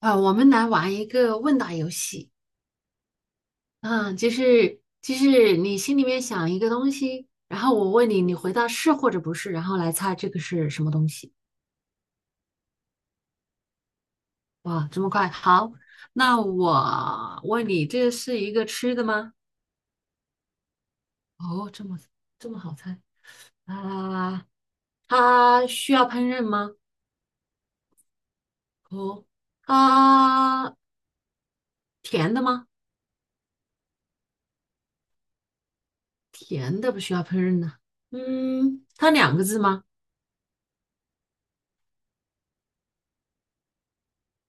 啊，我们来玩一个问答游戏。嗯，就是你心里面想一个东西，然后我问你，你回答是或者不是，然后来猜这个是什么东西。哇，这么快！好，那我问你，这是一个吃的吗？哦，这么好猜啊？它需要烹饪吗？哦，啊，甜的吗？甜的不需要烹饪呢。嗯，它两个字吗？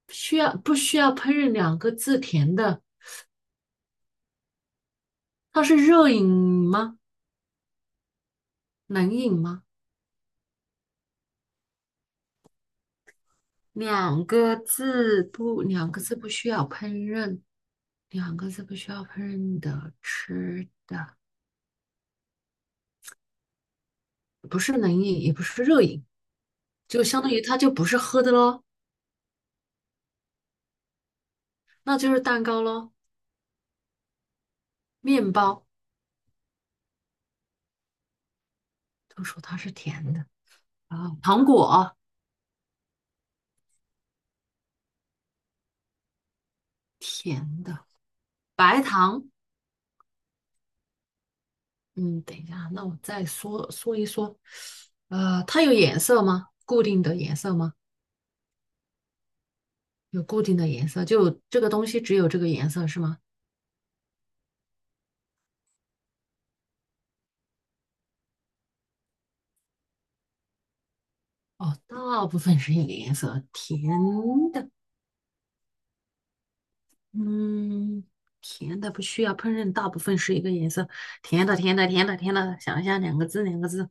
需要不需要烹饪两个字甜的？它是热饮吗？冷饮吗？两个字不，两个字不需要烹饪，两个字不需要烹饪的吃的，不是冷饮，也不是热饮，就相当于它就不是喝的咯，那就是蛋糕咯，面包都说它是甜的啊，糖果甜的，白糖，嗯，等一下，那我再说一说，它有颜色吗？固定的颜色吗？有固定的颜色，就这个东西只有这个颜色是吗？哦，大部分是一个颜色，甜的，嗯，甜的不需要烹饪，大部分是一个颜色，甜的，甜的，甜的，甜的，想一下，两个字，两个字，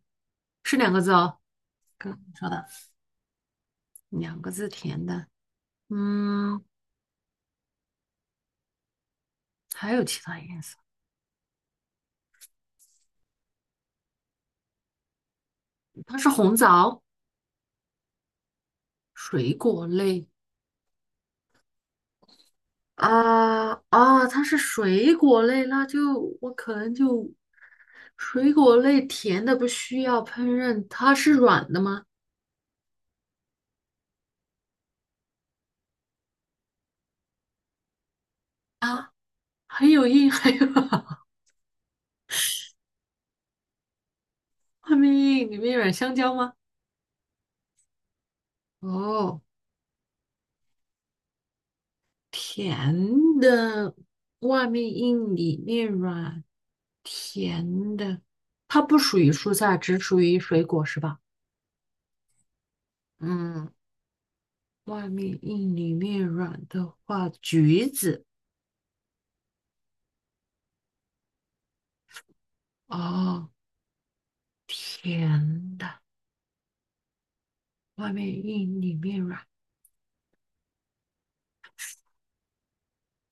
是两个字哦，刚刚说的两个字甜的，嗯，还有其他颜色，它是红枣，水果类，啊啊，它是水果类，那就我可能就水果类甜的不需要烹饪，它是软的吗？啊，还有硬，还有 外面硬，里面软，香蕉吗？哦，甜的，外面硬，里面软，甜的，它不属于蔬菜，只属于水果是吧？嗯，外面硬，里面软的话，橘子。哦，甜的。外面硬里面软。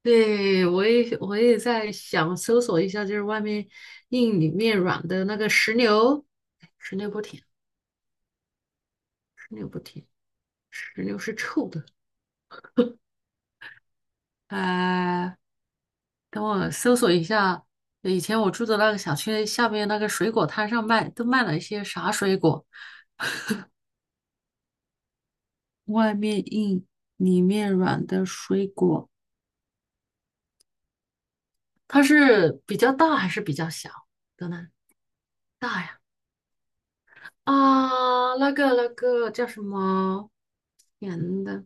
对，我也在想搜索一下，就是外面硬里面软的那个石榴，哎石榴不甜，石榴不甜，石榴是臭的。呃，等我搜索一下，以前我住的那个小区下面那个水果摊上卖，都卖了一些啥水果？外面硬里面软的水果，它是比较大还是比较小的呢？大呀。啊，那个那个叫什么甜的？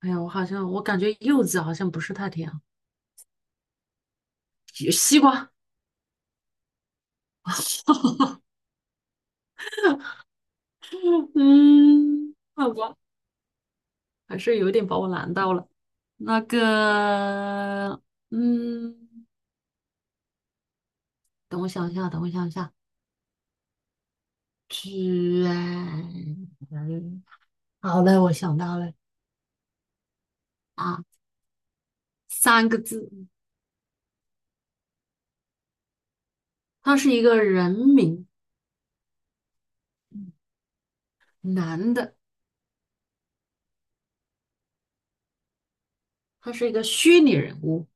哎呀，我好像我感觉柚子好像不是太甜，西瓜。嗯，好吧，还是有点把我难到了。那个，嗯，等我想一下，等我想一下，居然，好的，我想到了啊，三个字，他是一个人名，男的，他是一个虚拟人物。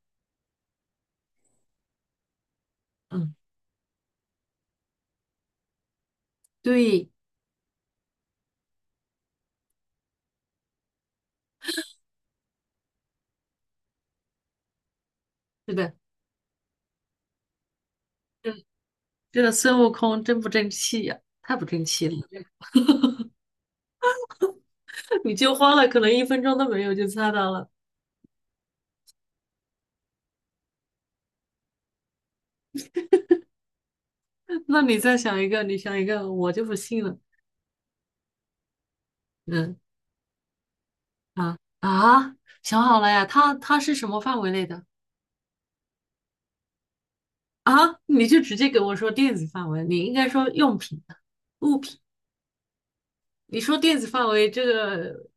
嗯，对，是的。这这个孙悟空真不争气呀、太不争气了！你就花了可能一分钟都没有就猜到了，那你再想一个，你想一个，我就不信了。嗯啊啊，想好了呀，它是什么范围内的啊？你就直接给我说电子范围，你应该说用品的物品。你说电子范围这个，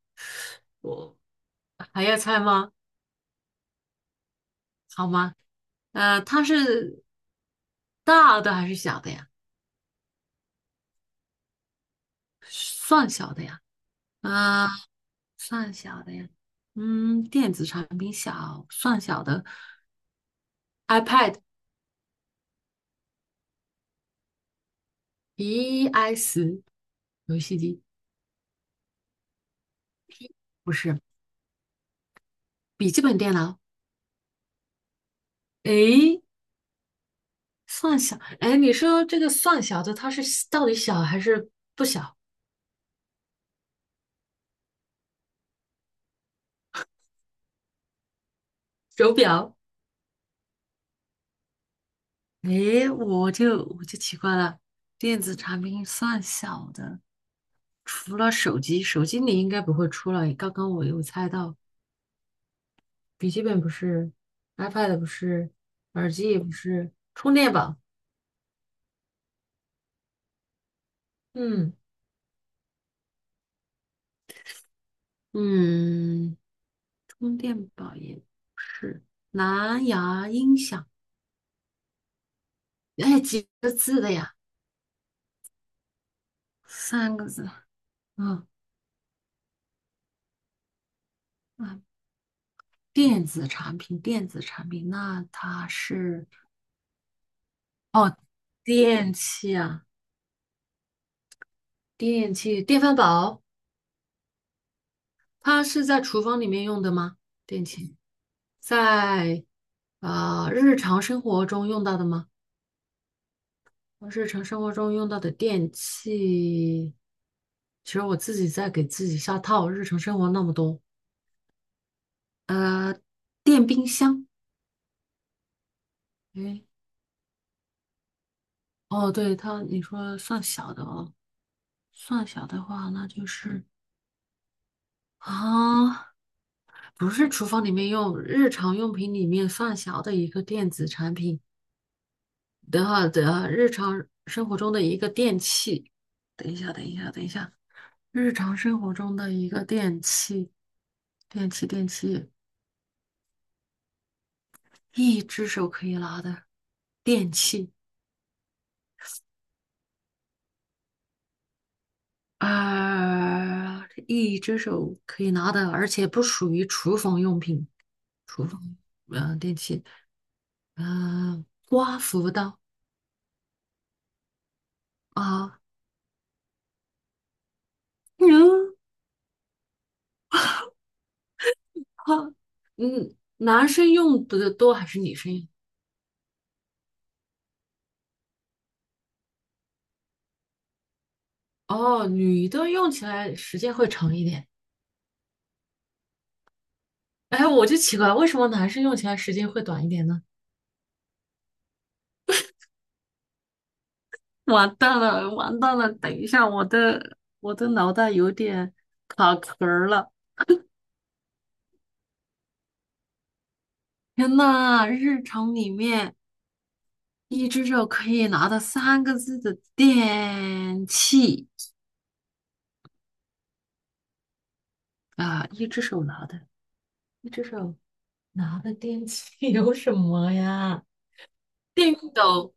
我还要猜吗？好吗？呃，它是大的还是小的呀？算小的呀？嗯、算小的呀，嗯，电子产品小，算小的，iPad、，i s 游戏机不是，笔记本电脑，诶，算小，诶，你说这个算小的，它是到底小还是不小？手表，诶，我就奇怪了，电子产品算小的，除了手机，手机你应该不会出了，刚刚我有猜到，笔记本不是，iPad 不是，耳机也不是，充电宝。嗯，嗯，充电宝也是，蓝牙音响，哎，几个字的呀？三个字。嗯啊，电子产品，电子产品，那它是电器啊，电器，电饭煲，它是在厨房里面用的吗？电器在日常生活中用到的吗？日常生活中用到的电器，其实我自己在给自己下套，日常生活那么多。电冰箱，诶，哦，对，它，你说算小的哦，算小的话，那就是啊，不是厨房里面用，日常用品里面算小的一个电子产品的话的日常生活中的一个电器。等一下，等一下，等一下，日常生活中的一个电器，电器，电器，一只手可以拿的电器。啊、一只手可以拿的，而且不属于厨房用品，厨房电器，嗯、刮胡刀啊，嗯，好，嗯，男生用的多还是女生用？哦，女的用起来时间会长一点。哎，我就奇怪，为什么男生用起来时间会短一点呢？完蛋了，完蛋了！等一下，我的脑袋有点卡壳儿了。天呐，日常里面。一只手可以拿到三个字的电器啊，一只手拿的，一只手拿的电器 有什么呀？电熨斗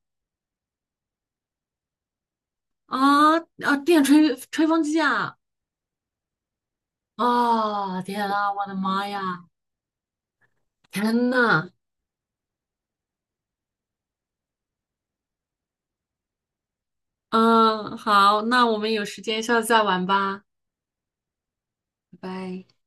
啊啊，电吹风机啊！啊，天啊，我的妈呀！天呐，嗯，好，那我们有时间下次再玩吧，拜拜。